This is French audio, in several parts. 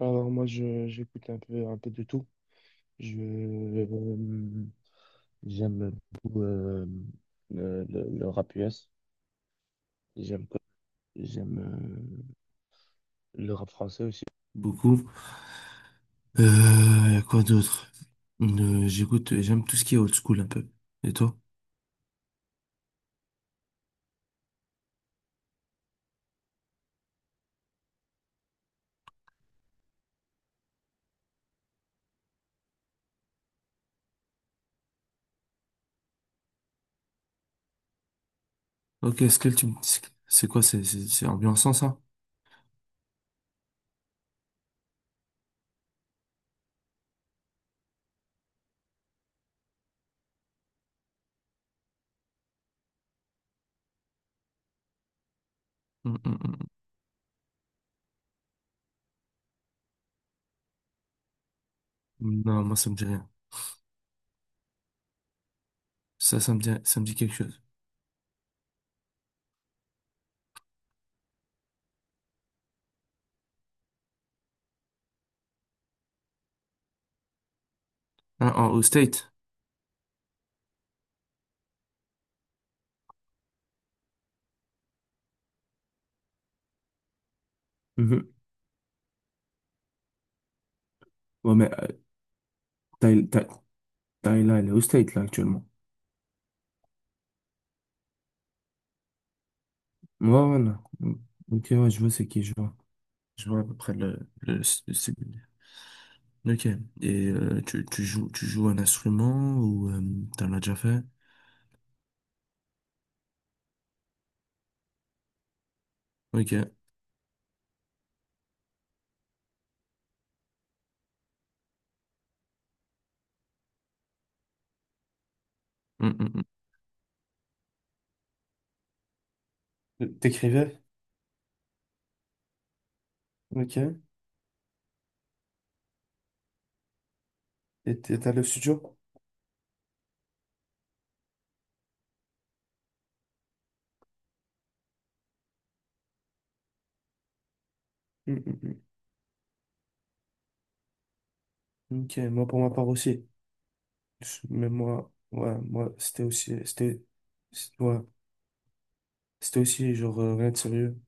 Alors moi je j'écoute un peu de tout. Je J'aime beaucoup le rap US. J'aime j'aime Le rap français aussi. Beaucoup. Euh, Y a quoi d'autre? J'écoute, j'aime tout ce qui est old school un peu. Et toi? Ok, Skull, c'est quoi? C'est ambiançant, ça? Hum, hum, hum. Hum. Non, moi, ça me dit rien. Ça, ça me dit quelque chose. Ah, en, au State? Mhm. Ouais, mais Ty- Ty- Tyla, elle est au State là actuellement. Ouais, voilà. Ok, ouais, je vois c'est qui, je vois. Je vois à peu près le, ok. Et tu, tu joues un instrument ou t'en as déjà fait? Ok. Mm, mm, mm. T'écrivais? Ok. Et t'allais au studio? Mm, mm, mm. Ok, moi pour ma part aussi. Mais moi, ouais, moi, c'était aussi, ouais, c'était aussi genre rien de sérieux.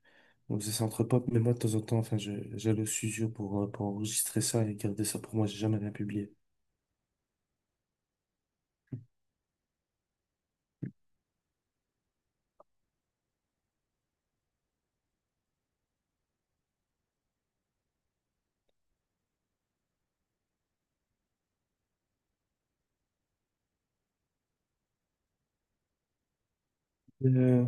On faisait ça entre potes, mais moi de temps en temps, j'allais au studio pour enregistrer ça et garder ça pour moi, j'ai jamais rien publié. Euh,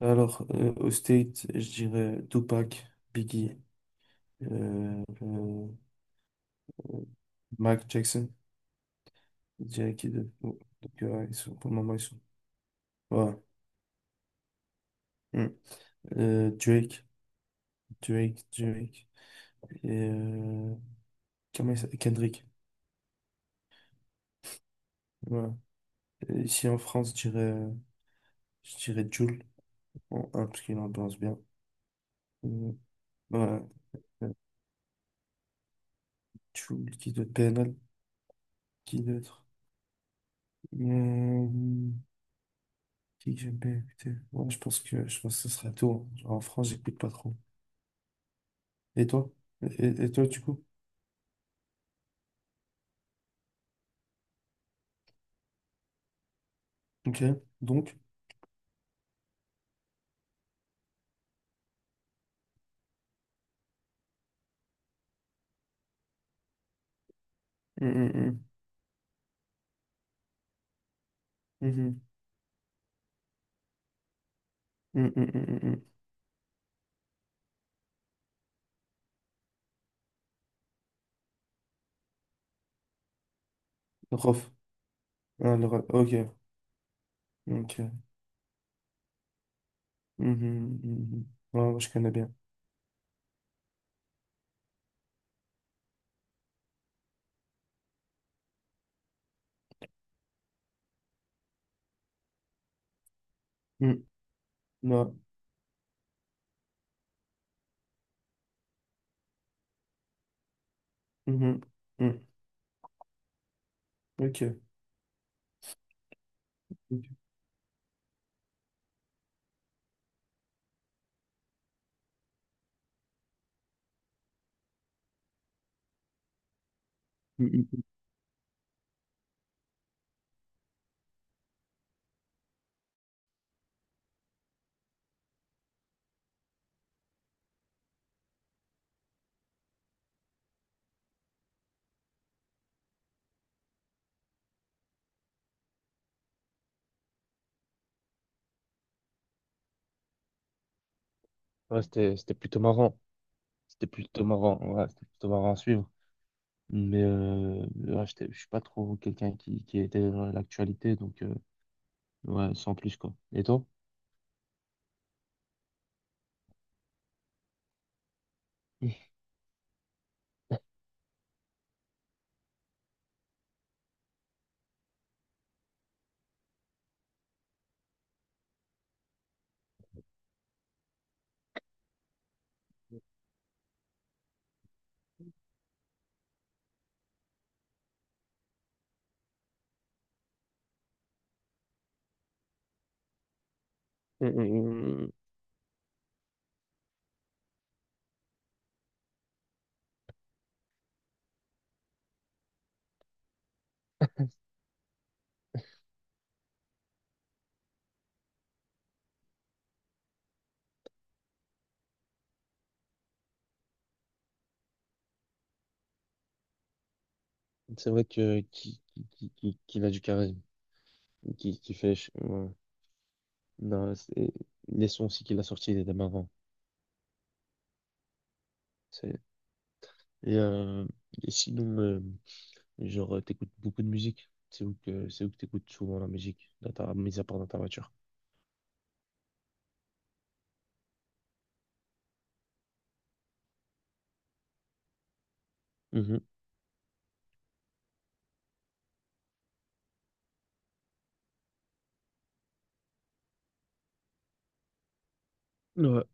Alors, au State, je dirais Tupac, Biggie, euh, euh, euh, Mike Jackson. Je dirais qui de... bon, donc, ils sont, pour le moment, ils sont. Voilà. Mm. Drake, Drake. Et comment il s'appelle Kendrick. Voilà. Et ici en France, je dirais Jul, en un, parce qu'il ambiance bien. Euh, voilà. Euh, Jul, qui d'autre? PNL, qui d'autre? Euh, Qui que j'aime bien écouter. Ouais, je pense que ce sera tout. Hein. Genre, en France, j'écoute pas trop. Et toi? Et toi, du coup? Ok. Donc. Hum, hum, hum. Hum, hum, hum, hum, hum. Le Rof. Ah, le Rof. Ok. Ok. Hum, hum, hum, hum. Ouais, ouais, je connais bien. Hum. Non. Hum, hum, hum. Ok. Ok. Hum, hum, hum. Ouais, c'était, c'était plutôt marrant. C'était plutôt marrant. Ouais, c'était plutôt marrant à suivre. Mais ouais, je suis pas trop quelqu'un qui était dans l'actualité, donc ouais, sans plus quoi. Et toi? Mm, mm, mm. C'est vrai que qu'il a du charisme, qui fait. Ouais. Non, c'est- Les sons aussi qu'il a sortis dès avant. C'est- et, et sinon, genre, t'écoutes beaucoup de musique. C'est où que t'écoutes souvent la musique, dans ta, mis à part dans ta voiture. Mhm. Ouais.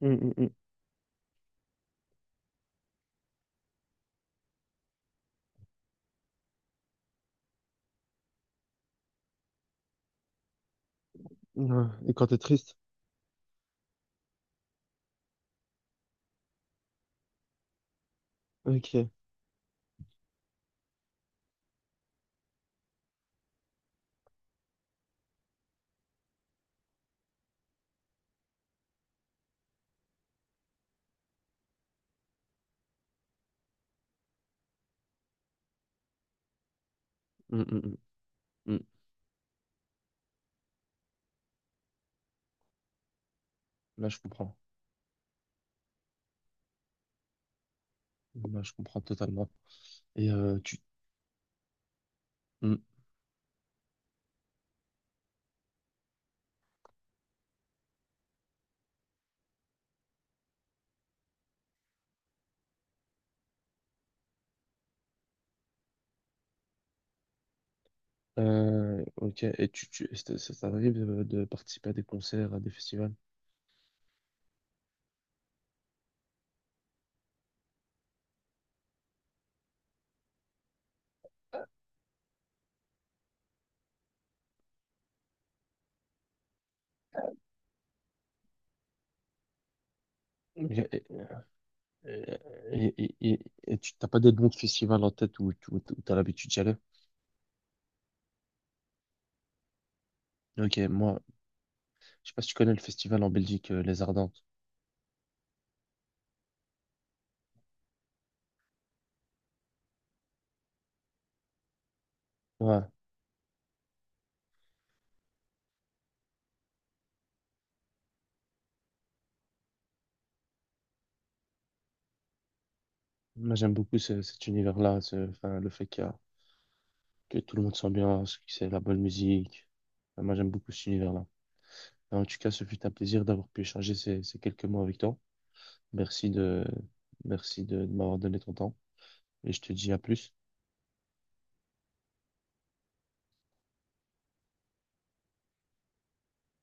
Mm, mm, mm. Ouais. Et quand t'es triste. Ok. Mm, mm, mm, mm. Là, je comprends. Là, je comprends totalement. Et tu. Ok, et tu, ça t'arrive de participer à des concerts, à des festivals? Ok. Et- et- et- et tu t'as pas des noms de festivals en tête où, où, où t'as l'habitude d'y aller? Ok, moi, je sais pas si tu connais le festival en Belgique, Les Ardentes. Ouais, moi j'aime beaucoup cet univers-là, enfin, le fait qu'il y a- que tout le monde s'ambiance, que c'est la bonne musique. Enfin, moi j'aime beaucoup cet univers-là. En tout cas, ce fut un plaisir d'avoir pu échanger ces, ces quelques mots avec toi. Merci de, merci de m'avoir donné ton temps et je te dis à plus.